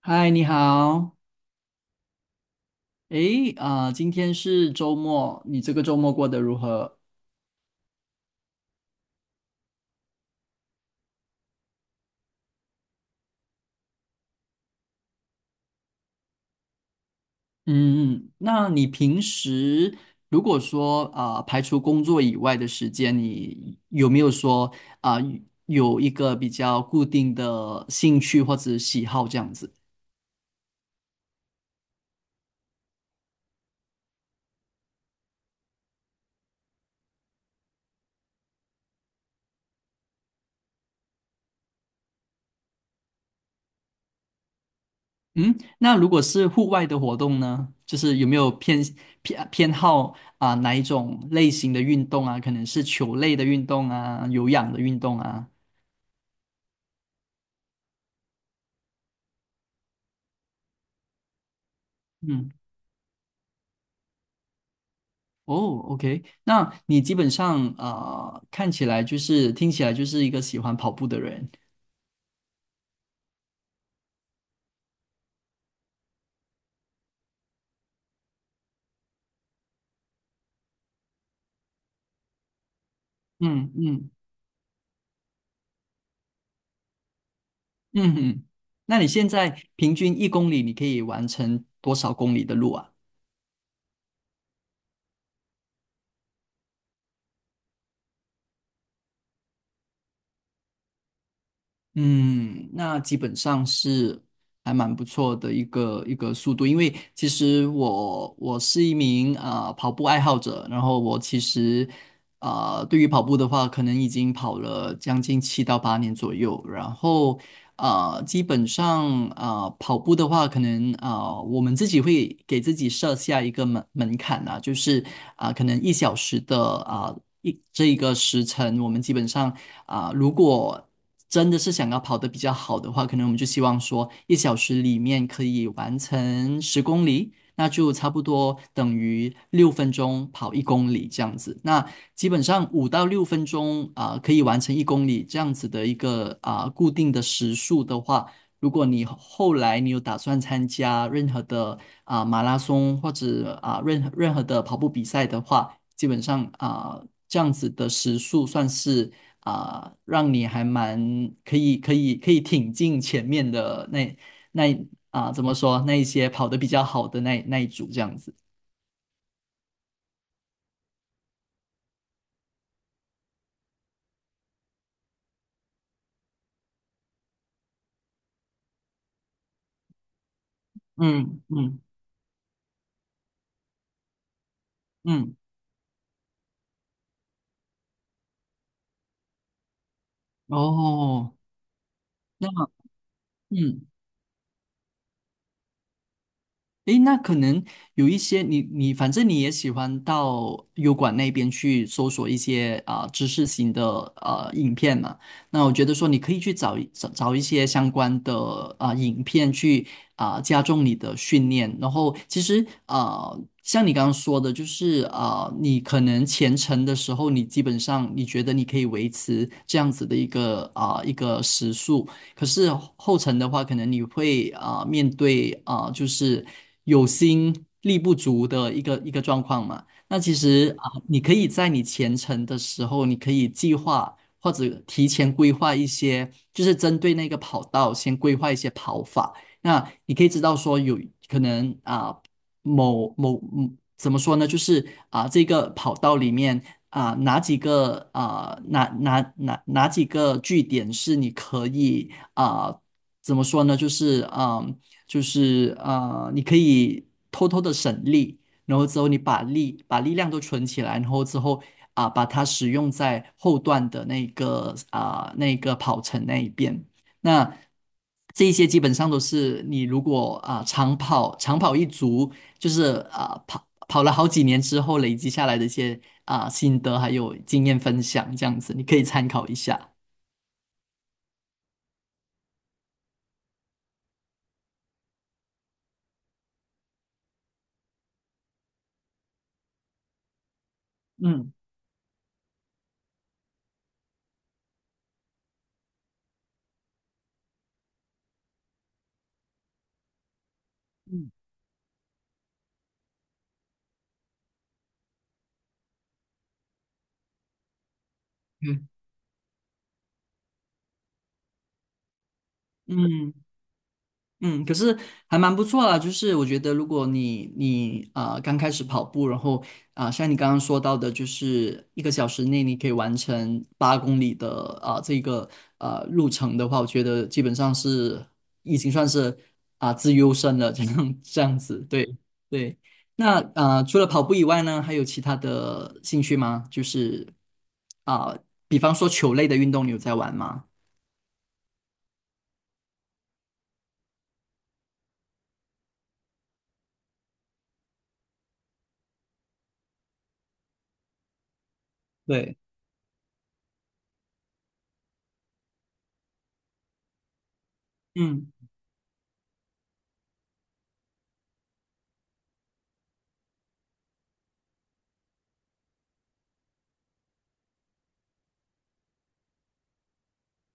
嗨，你好。今天是周末，你这个周末过得如何？嗯，那你平时如果说排除工作以外的时间，你有没有说啊、有一个比较固定的兴趣或者喜好这样子？嗯，那如果是户外的活动呢，就是有没有偏好哪一种类型的运动啊？可能是球类的运动啊，有氧的运动啊？嗯。哦，OK,那你基本上看起来就是听起来就是一个喜欢跑步的人。嗯嗯。嗯嗯。那你现在平均一公里你可以完成多少公里的路啊？嗯，那基本上是还蛮不错的一个速度，因为其实我是一名跑步爱好者，然后我其实对于跑步的话，可能已经跑了将近7到8年左右，然后基本上跑步的话，可能我们自己会给自己设下一个门槛啊，就是可能一小时的一这一个时辰，我们基本上如果真的是想要跑得比较好的话，可能我们就希望说一小时里面可以完成10公里，那就差不多等于六分钟跑一公里这样子。那基本上5到6分钟可以完成一公里这样子的一个固定的时速的话，如果你后来你有打算参加任何的马拉松或者任何的跑步比赛的话，基本上这样子的时速算是让你还蛮可以挺进前面的那怎么说那一些跑得比较好的那一组这样子。嗯嗯嗯，哦，那嗯。诶，那可能有一些你反正你也喜欢到油管那边去搜索一些知识型的影片嘛，那我觉得说你可以去找一找找一些相关的影片去加重你的训练，然后其实像你刚刚说的，就是你可能前程的时候，你基本上你觉得你可以维持这样子的一个一个时速。可是后程的话，可能你会面对就是有心力不足的一个状况嘛。那其实你可以在你前程的时候，你可以计划或者提前规划一些，就是针对那个跑道先规划一些跑法。那你可以知道说有可能某某怎么说呢？就是这个跑道里面哪几个哪几个据点是你可以啊、怎么说呢？就是你可以偷偷的省力，然后之后你把力量都存起来，然后之后把它使用在后段的那个那个跑程那一边。那这一些基本上都是你如果长跑一族，就是跑了好几年之后累积下来的一些心得还有经验分享这样子，你可以参考一下。嗯嗯嗯，嗯，可是还蛮不错啦。就是我觉得，如果你刚开始跑步，然后像你刚刚说到的，就是一个小时内你可以完成8公里的这个路程的话，我觉得基本上是已经算是自优身了，这样子。对对。那除了跑步以外呢，还有其他的兴趣吗？就是啊、比方说球类的运动，你有在玩吗？对，嗯。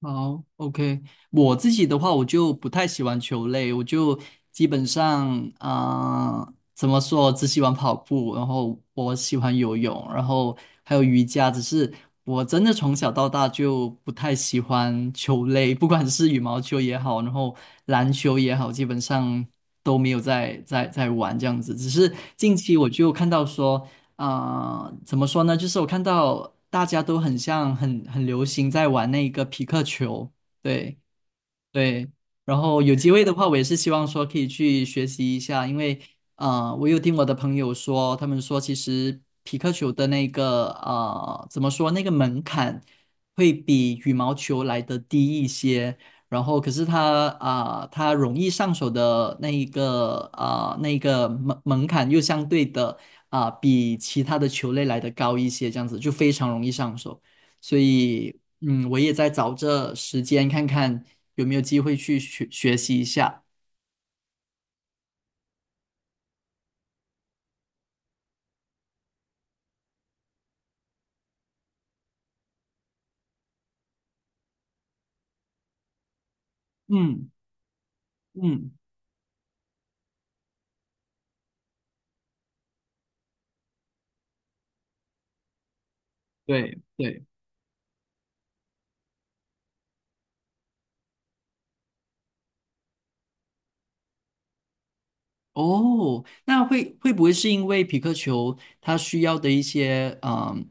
好，OK,我自己的话，我就不太喜欢球类，我就基本上，怎么说，只喜欢跑步，然后我喜欢游泳，然后还有瑜伽，只是我真的从小到大就不太喜欢球类，不管是羽毛球也好，然后篮球也好，基本上都没有在玩这样子。只是近期我就看到说。怎么说呢？就是我看到大家都很像很流行在玩那个皮克球，对，对，然后有机会的话，我也是希望说可以去学习一下，因为我有听我的朋友说，他们说其实皮克球的那个怎么说那个门槛会比羽毛球来的低一些，然后可是它它容易上手的那一个那个门槛又相对的比其他的球类来的高一些，这样子就非常容易上手。所以，嗯，我也在找这时间看看有没有机会去学习一下。嗯嗯，对对。哦，那会不会是因为皮克球它需要的一些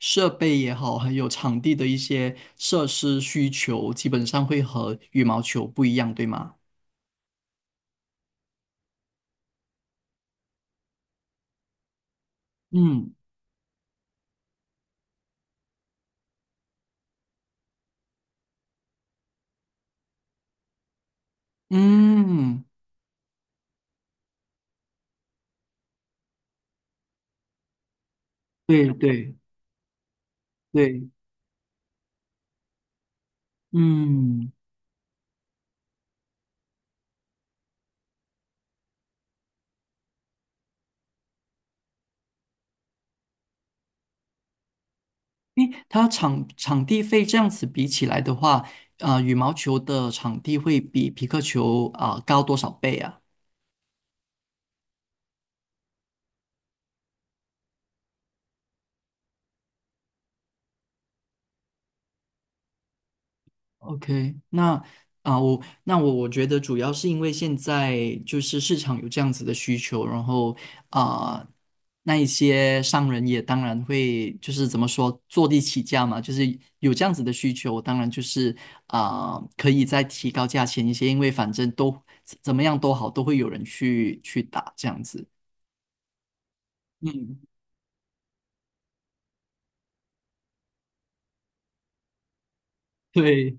设备也好，还有场地的一些设施需求，基本上会和羽毛球不一样，对吗？嗯嗯，对对对，嗯。因为它场地费这样子比起来的话，羽毛球的场地会比皮克球高多少倍啊？OK,那我那我觉得主要是因为现在就是市场有这样子的需求，然后啊、那一些商人也当然会就是怎么说坐地起价嘛，就是有这样子的需求，当然就是可以再提高价钱一些，因为反正都怎么样都好，都会有人去打这样子。嗯，对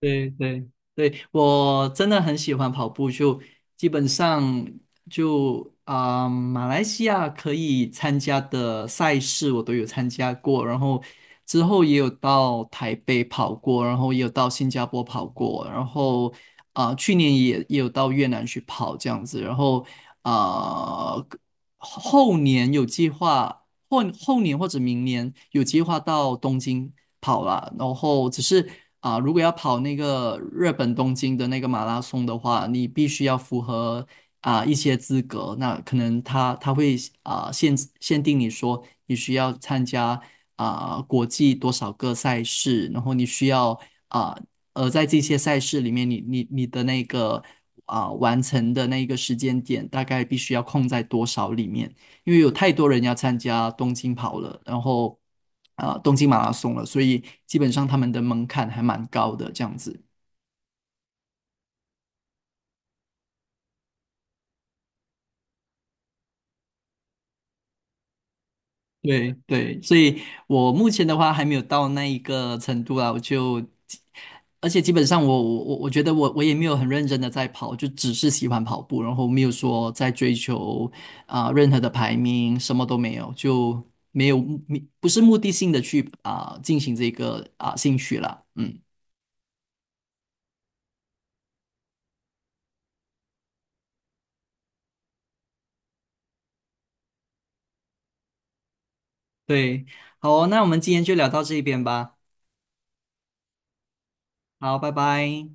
对对对，我真的很喜欢跑步，就基本上就马来西亚可以参加的赛事我都有参加过，然后之后也有到台北跑过，然后也有到新加坡跑过，然后去年也有到越南去跑这样子，然后啊、后年有计划，后后年或者明年有计划到东京跑了，然后只是如果要跑那个日本东京的那个马拉松的话，你必须要符合一些资格。那可能他会限定你说你需要参加国际多少个赛事，然后你需要啊、在这些赛事里面你的那个完成的那个时间点大概必须要控在多少里面？因为有太多人要参加东京跑了，然后东京马拉松了，所以基本上他们的门槛还蛮高的这样子。对对，所以我目前的话还没有到那一个程度啊，我就，而且基本上我觉得我也没有很认真的在跑，就只是喜欢跑步，然后没有说在追求任何的排名，什么都没有，就没有目不是目的性的去进行这个兴趣啦，嗯。对，好哦那我们今天就聊到这边吧。好，拜拜。